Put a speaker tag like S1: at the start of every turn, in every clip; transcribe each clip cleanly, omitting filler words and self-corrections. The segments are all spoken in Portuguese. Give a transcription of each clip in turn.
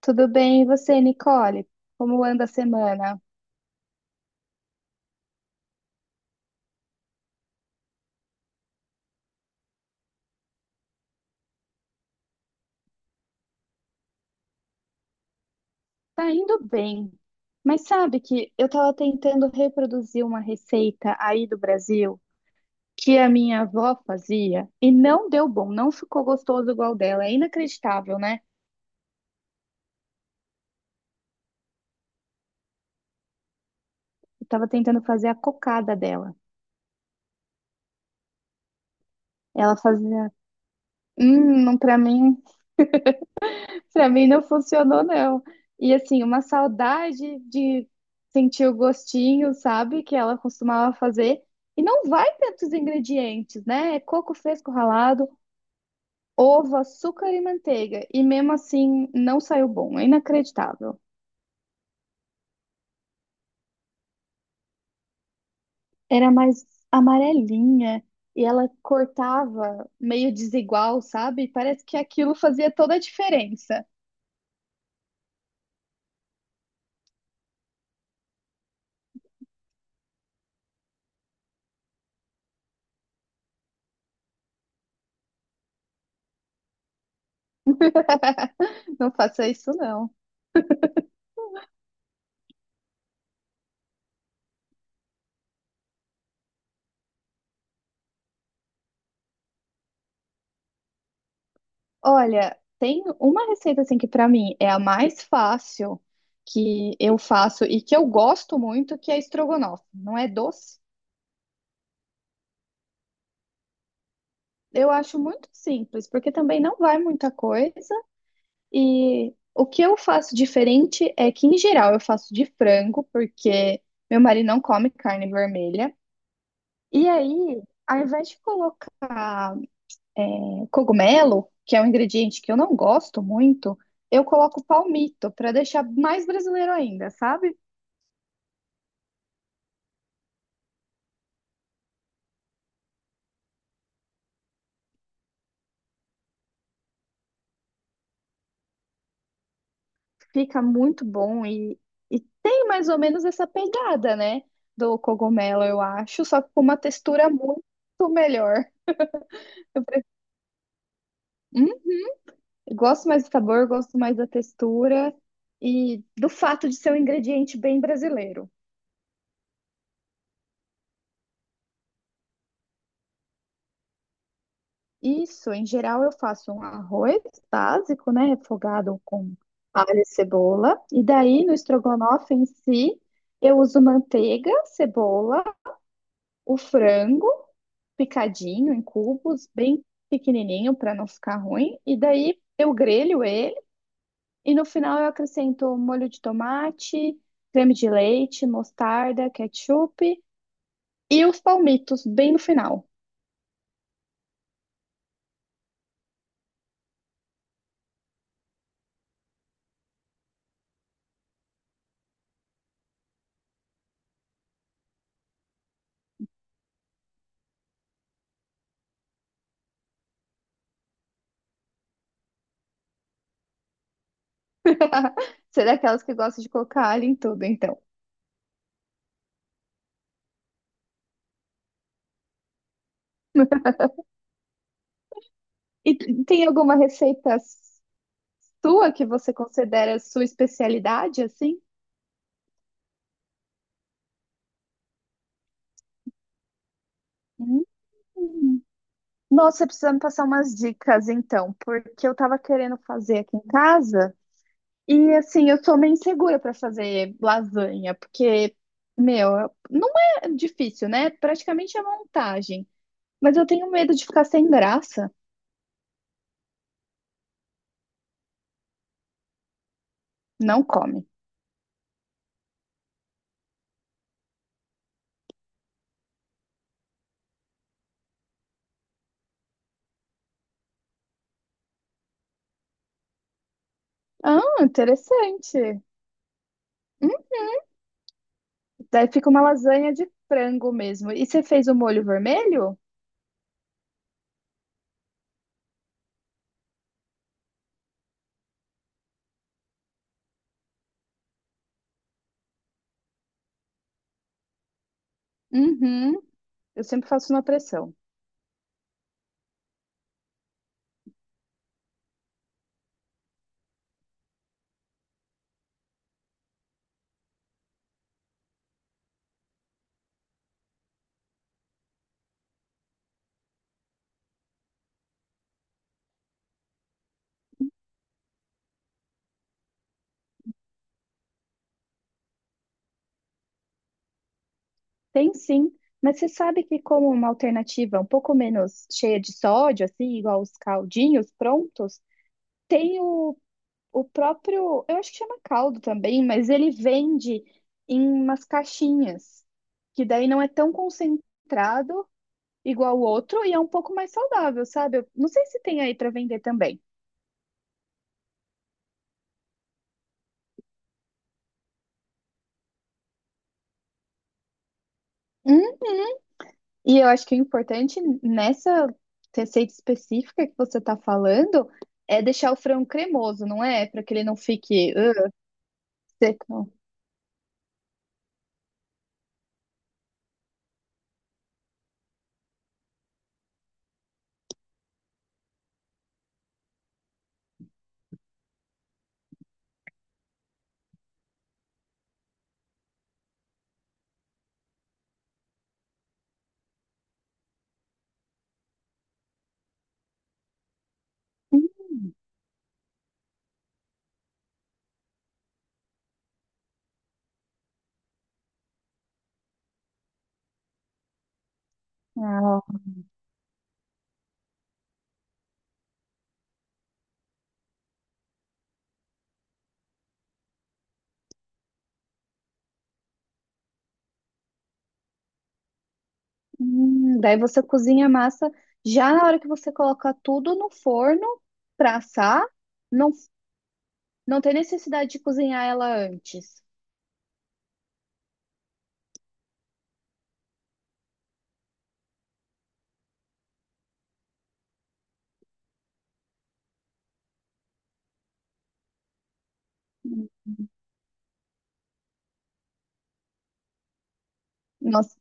S1: Tudo bem, e você, Nicole? Como anda a semana? Tá indo bem, mas sabe que eu estava tentando reproduzir uma receita aí do Brasil que a minha avó fazia e não deu bom, não ficou gostoso igual dela. É inacreditável, né? Eu tava tentando fazer a cocada dela. Ela fazia, hum, para mim para mim não funcionou, não. E assim, uma saudade de sentir o gostinho, sabe? Que ela costumava fazer. E não vai tantos ingredientes, né? É coco fresco ralado, ovo, açúcar e manteiga. E mesmo assim, não saiu bom. É inacreditável. Era mais amarelinha. E ela cortava meio desigual, sabe? Parece que aquilo fazia toda a diferença. Não faça isso, não. Olha, tem uma receita assim que pra mim é a mais fácil que eu faço e que eu gosto muito, que é estrogonofe. Não é doce? Eu acho muito simples, porque também não vai muita coisa. E o que eu faço diferente é que, em geral, eu faço de frango, porque meu marido não come carne vermelha. E aí, ao invés de colocar cogumelo, que é um ingrediente que eu não gosto muito, eu coloco palmito para deixar mais brasileiro ainda, sabe? Fica muito bom e tem mais ou menos essa pegada, né? Do cogumelo, eu acho, só que com uma textura muito melhor. Hum? Gosto mais do sabor, gosto mais da textura e do fato de ser um ingrediente bem brasileiro. Isso, em geral, eu faço um arroz básico, né? Refogado com alho e cebola. E daí, no estrogonofe em si, eu uso manteiga, cebola, o frango, picadinho em cubos, bem pequenininho para não ficar ruim. E daí eu grelho ele e no final eu acrescento molho de tomate, creme de leite, mostarda, ketchup e os palmitos bem no final. Você é daquelas que gosta de colocar alho em tudo, então. E tem alguma receita sua que você considera sua especialidade, assim? Hum. Nossa, precisa me passar umas dicas, então, porque eu tava querendo fazer aqui em casa. E assim, eu sou meio insegura para fazer lasanha, porque, meu, não é difícil, né? Praticamente é montagem. Mas eu tenho medo de ficar sem graça. Não come. Ah, interessante. Hum, daí fica uma lasanha de frango mesmo. E você fez o molho vermelho? Uhum. Eu sempre faço na pressão. Tem sim, mas você sabe que como uma alternativa um pouco menos cheia de sódio, assim, igual os caldinhos prontos, tem o O próprio, eu acho que chama caldo também, mas ele vende em umas caixinhas, que daí não é tão concentrado igual o outro e é um pouco mais saudável, sabe? Eu não sei se tem aí para vender também. Hum. E eu acho que o importante nessa receita específica que você tá falando é deixar o frango cremoso, não é? Para que ele não fique seco. Hum. Ah. Daí você cozinha a massa já na hora que você coloca tudo no forno para assar. Não, não tem necessidade de cozinhar ela antes. Nossa.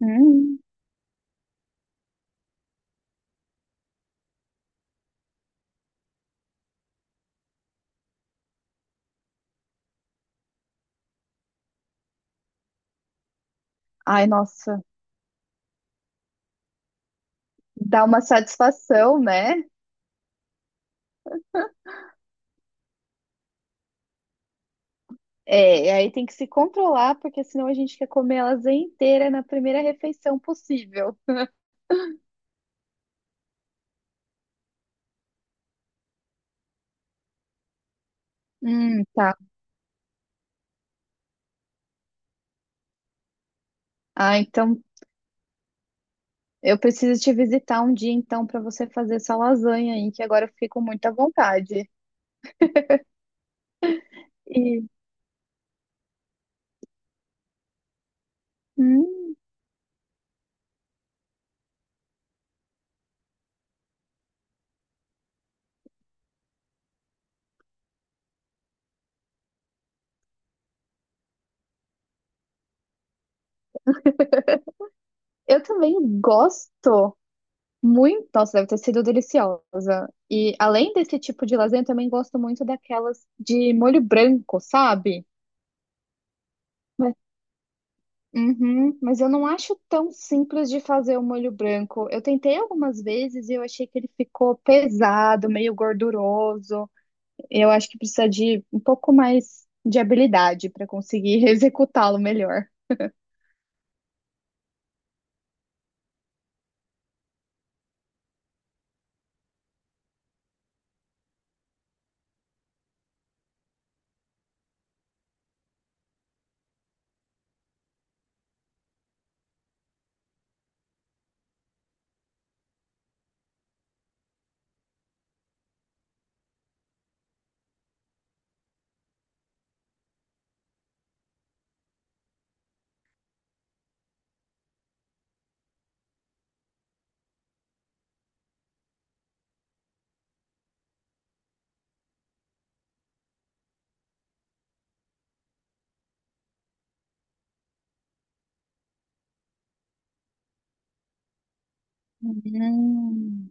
S1: Hum. Ai, nossa. Dá uma satisfação, né? É, e aí tem que se controlar, porque senão a gente quer comer elas inteira na primeira refeição possível. Tá. Ah, então eu preciso te visitar um dia então para você fazer essa lasanha aí, que agora eu fico com muita vontade. E, hum, eu também gosto muito. Nossa, deve ter sido deliciosa. E além desse tipo de lasanha, eu também gosto muito daquelas de molho branco, sabe? Mas, uhum, mas eu não acho tão simples de fazer o molho branco. Eu tentei algumas vezes e eu achei que ele ficou pesado, meio gorduroso. Eu acho que precisa de um pouco mais de habilidade para conseguir executá-lo melhor. Hum,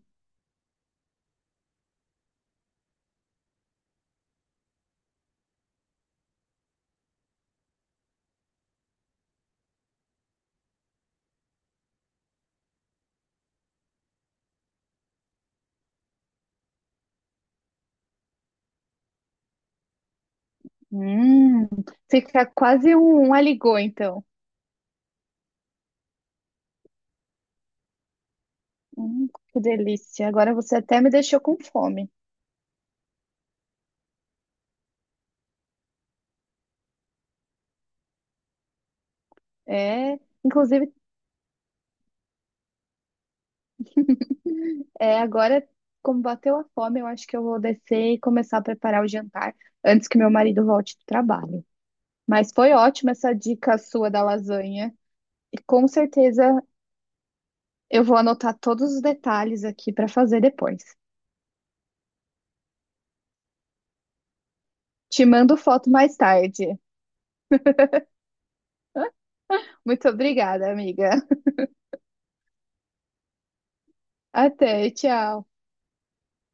S1: hum. Fica quase um aligô, então. Que delícia. Agora você até me deixou com fome. É, inclusive, é, agora, como bateu a fome, eu acho que eu vou descer e começar a preparar o jantar antes que meu marido volte do trabalho. Mas foi ótima essa dica sua da lasanha. E com certeza eu vou anotar todos os detalhes aqui para fazer depois. Te mando foto mais tarde. Muito obrigada, amiga. Até, tchau.